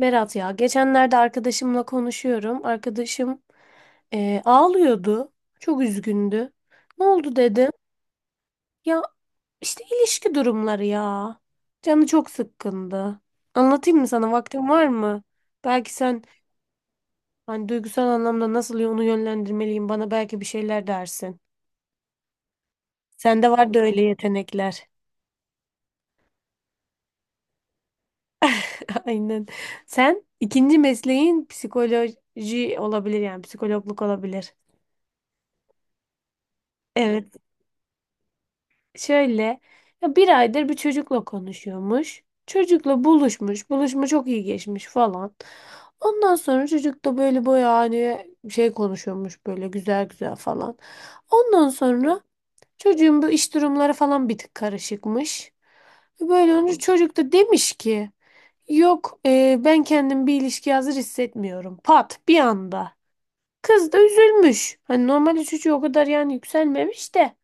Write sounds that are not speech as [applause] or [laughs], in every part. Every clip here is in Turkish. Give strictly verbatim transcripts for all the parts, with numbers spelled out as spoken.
Berat ya geçenlerde arkadaşımla konuşuyorum. Arkadaşım eee, ağlıyordu. Çok üzgündü. Ne oldu dedim. Ya işte ilişki durumları ya. Canı çok sıkkındı. Anlatayım mı sana? Vaktin var mı? Belki sen hani duygusal anlamda nasıl onu yönlendirmeliyim bana belki bir şeyler dersin. Sende var da öyle yetenekler. [laughs] Aynen. Sen ikinci mesleğin psikoloji olabilir yani psikologluk olabilir. Evet. Şöyle ya bir aydır bir çocukla konuşuyormuş. Çocukla buluşmuş. Buluşma çok iyi geçmiş falan. Ondan sonra çocuk da böyle bayağı hani şey konuşuyormuş böyle güzel güzel falan. Ondan sonra çocuğun bu iş durumları falan bir tık karışıkmış. Böyle onu çocuk da demiş ki yok e, ben kendim bir ilişkiye hazır hissetmiyorum. Pat bir anda. Kız da üzülmüş. Hani normalde çocuğu o kadar yani yükselmemiş de.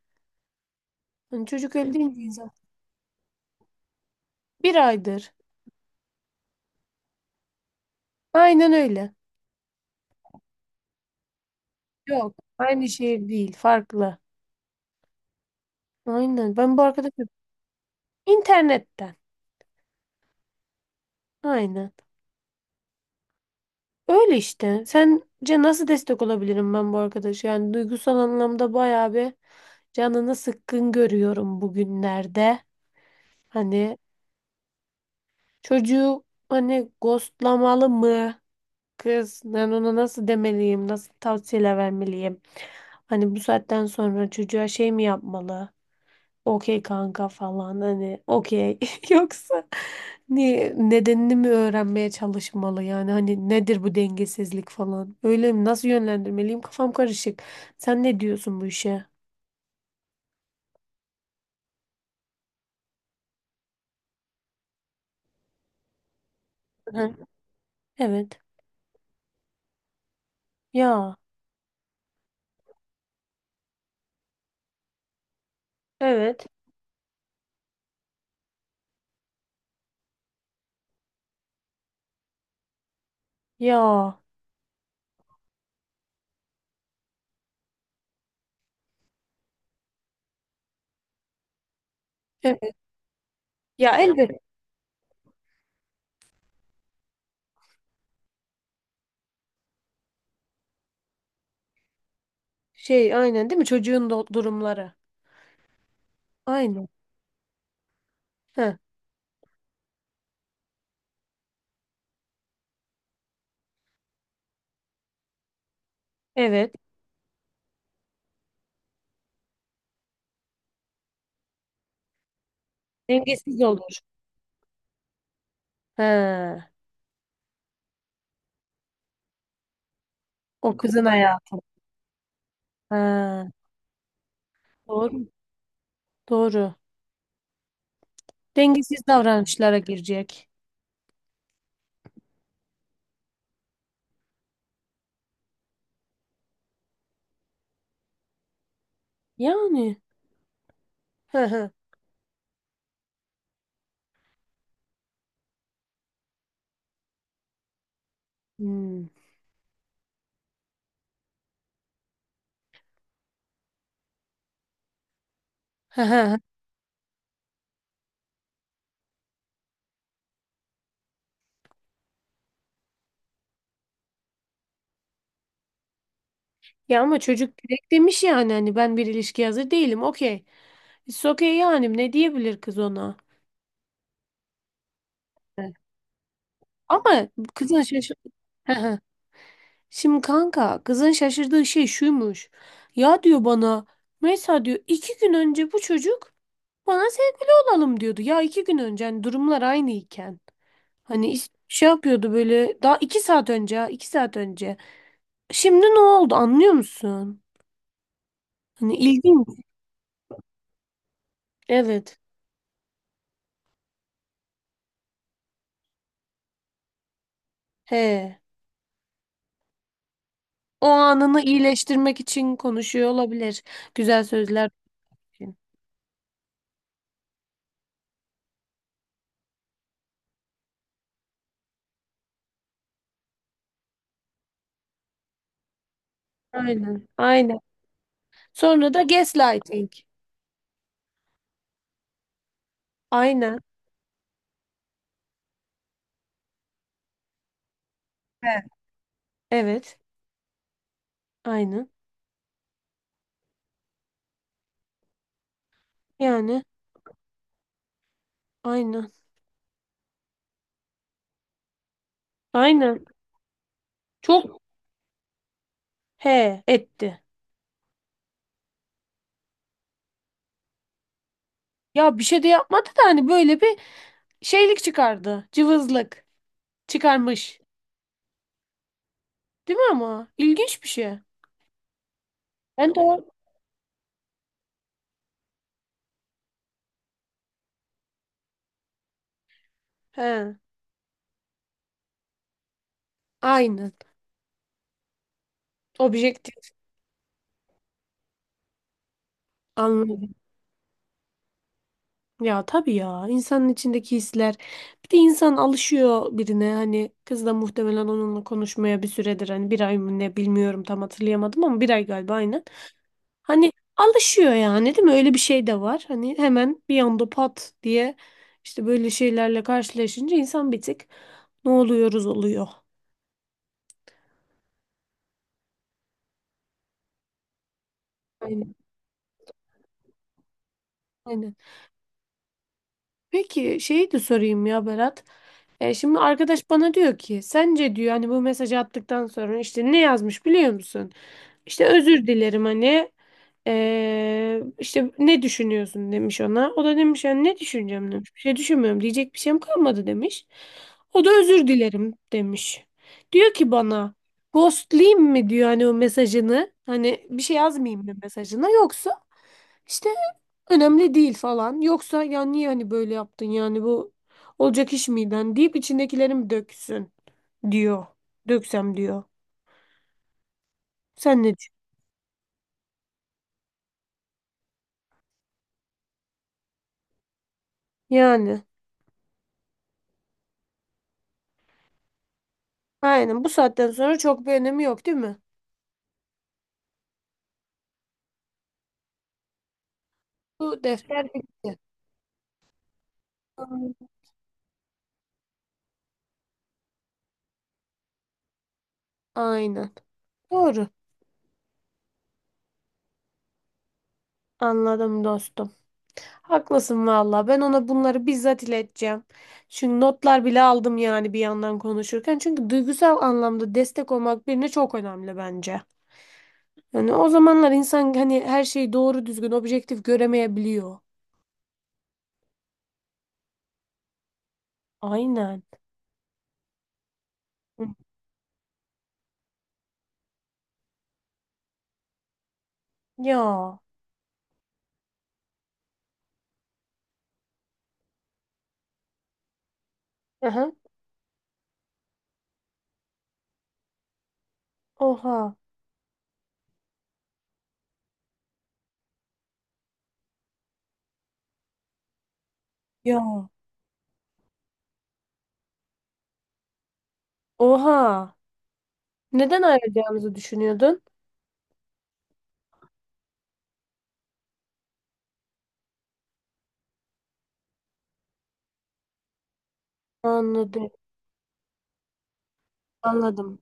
Hani çocuk öyle deyince insan. Bir aydır. Aynen öyle. Yok. Aynı şehir değil. Farklı. Aynen. Ben bu arkadaşım. İnternetten. Aynen. Öyle işte. Sence nasıl destek olabilirim ben bu arkadaşa? Yani duygusal anlamda bayağı bir canını sıkkın görüyorum bugünlerde. Hani çocuğu hani ghostlamalı mı? Kız ben ona nasıl demeliyim? Nasıl tavsiyeler vermeliyim? Hani bu saatten sonra çocuğa şey mi yapmalı? Okey kanka falan hani okey [laughs] yoksa niye nedenini mi öğrenmeye çalışmalı yani hani nedir bu dengesizlik falan öyle mi nasıl yönlendirmeliyim kafam karışık sen ne diyorsun bu işe? Hı, evet, ya. Evet. Ya. Evet. Ya elbet. Şey aynen değil mi çocuğun do- durumları, aynen. Heh, evet, dengesiz olur. He, o kızın hayatı. He, doğru, doğru, dengesiz davranışlara girecek. Yani. Hı hı. Hmm. Hı hı. Ya ama çocuk direkt demiş yani hani ben bir ilişkiye hazır değilim. Okey. It's okay yani ne diyebilir kız ona? Evet. Ama kızın şaşır... Hı hı. Şimdi kanka kızın şaşırdığı şey şuymuş. Ya diyor bana mesela diyor iki gün önce bu çocuk bana sevgili olalım diyordu. Ya iki gün önce hani durumlar aynıyken. Hani is- şey yapıyordu böyle daha iki saat önce ha, iki saat önce. Şimdi ne oldu anlıyor musun? Hani ilginç. Evet. He. O anını iyileştirmek için konuşuyor olabilir. Güzel sözler için. Aynen. Aynen. Sonra da gaslighting. Aynen. He. Evet. Aynen. Yani aynen. Aynen. Çok he etti. Ya bir şey de yapmadı da hani böyle bir şeylik çıkardı. Cıvızlık çıkarmış. Değil mi ama? İlginç bir şey. Ben de o- he. Aynen. Objektif. Anladım. Ya tabii ya insanın içindeki hisler bir de insan alışıyor birine hani kız da muhtemelen onunla konuşmaya bir süredir hani bir ay mı ne bilmiyorum tam hatırlayamadım ama bir ay galiba aynen. Hani alışıyor yani değil mi öyle bir şey de var hani hemen bir anda pat diye işte böyle şeylerle karşılaşınca insan bir tık ne oluyoruz oluyor. Aynen, aynen. Peki şeyi de sorayım ya Berat. E şimdi arkadaş bana diyor ki sence diyor hani bu mesajı attıktan sonra işte ne yazmış biliyor musun? İşte özür dilerim hani e, işte ne düşünüyorsun demiş ona. O da demiş yani ne düşüneceğim demiş. Bir şey düşünmüyorum diyecek bir şeyim kalmadı demiş. O da özür dilerim demiş. Diyor ki bana ghostlayayım mi diyor hani o mesajını. Hani bir şey yazmayayım mı mesajına yoksa işte önemli değil falan. Yoksa ya niye hani böyle yaptın yani bu olacak iş miyden deyip içindekilerim döksün diyor. Döksem diyor. Sen ne diyorsun? Yani. Aynen bu saatten sonra çok bir önemi yok değil mi? Bu defter bitti. Aynen. Doğru. Anladım dostum. Haklısın valla. Ben ona bunları bizzat ileteceğim. Çünkü notlar bile aldım yani bir yandan konuşurken. Çünkü duygusal anlamda destek olmak birine çok önemli bence. Yani o zamanlar insan hani her şeyi doğru düzgün objektif göremeyebiliyor. Aynen. Ya. Aha. Oha. Ya. Oha. Neden ayrılacağınızı düşünüyordun? Anladım. Anladım.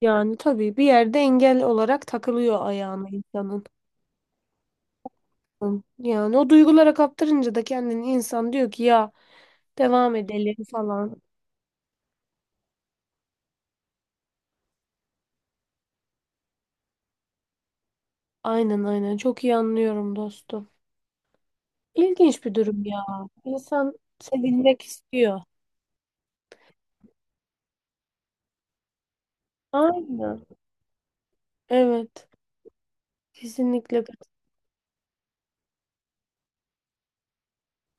Yani tabii bir yerde engel olarak takılıyor ayağına insanın. Yani o duygulara kaptırınca da kendini insan diyor ki ya devam edelim falan. Aynen, aynen çok iyi anlıyorum dostum. İlginç bir durum ya. İnsan sevilmek istiyor. Aynen. Evet. Kesinlikle. kat-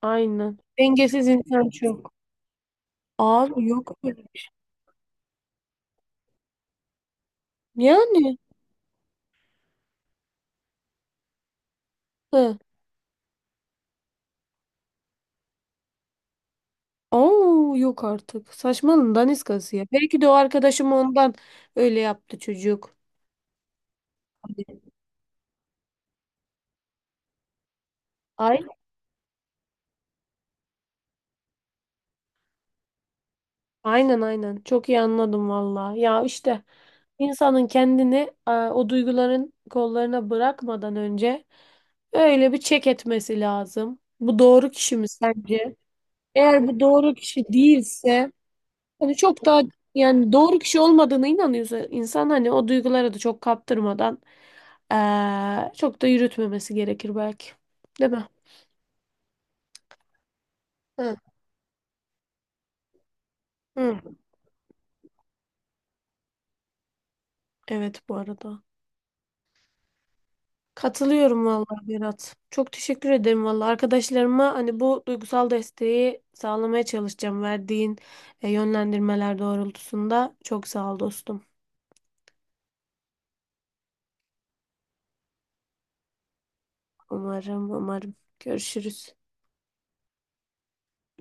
Aynen. Dengesiz insan çok. Abi yok. Yani. Hı. Oo, yok artık. Saçmalığın daniskası ya. Belki de o arkadaşım ondan öyle yaptı çocuk. Ay. Aynen, aynen. Çok iyi anladım valla. Ya işte insanın kendini e, o duyguların kollarına bırakmadan önce öyle bir çek etmesi lazım. Bu doğru kişi mi sence? Eğer bu doğru kişi değilse hani çok daha yani doğru kişi olmadığına inanıyorsa insan hani o duygulara da çok kaptırmadan eee, çok da yürütmemesi gerekir belki. Değil mi? Hı. Hı. Evet bu arada. Katılıyorum vallahi Berat. Çok teşekkür ederim vallahi. Arkadaşlarıma hani bu duygusal desteği sağlamaya çalışacağım. Verdiğin e, yönlendirmeler doğrultusunda. Çok sağ ol dostum. Umarım, umarım. Görüşürüz.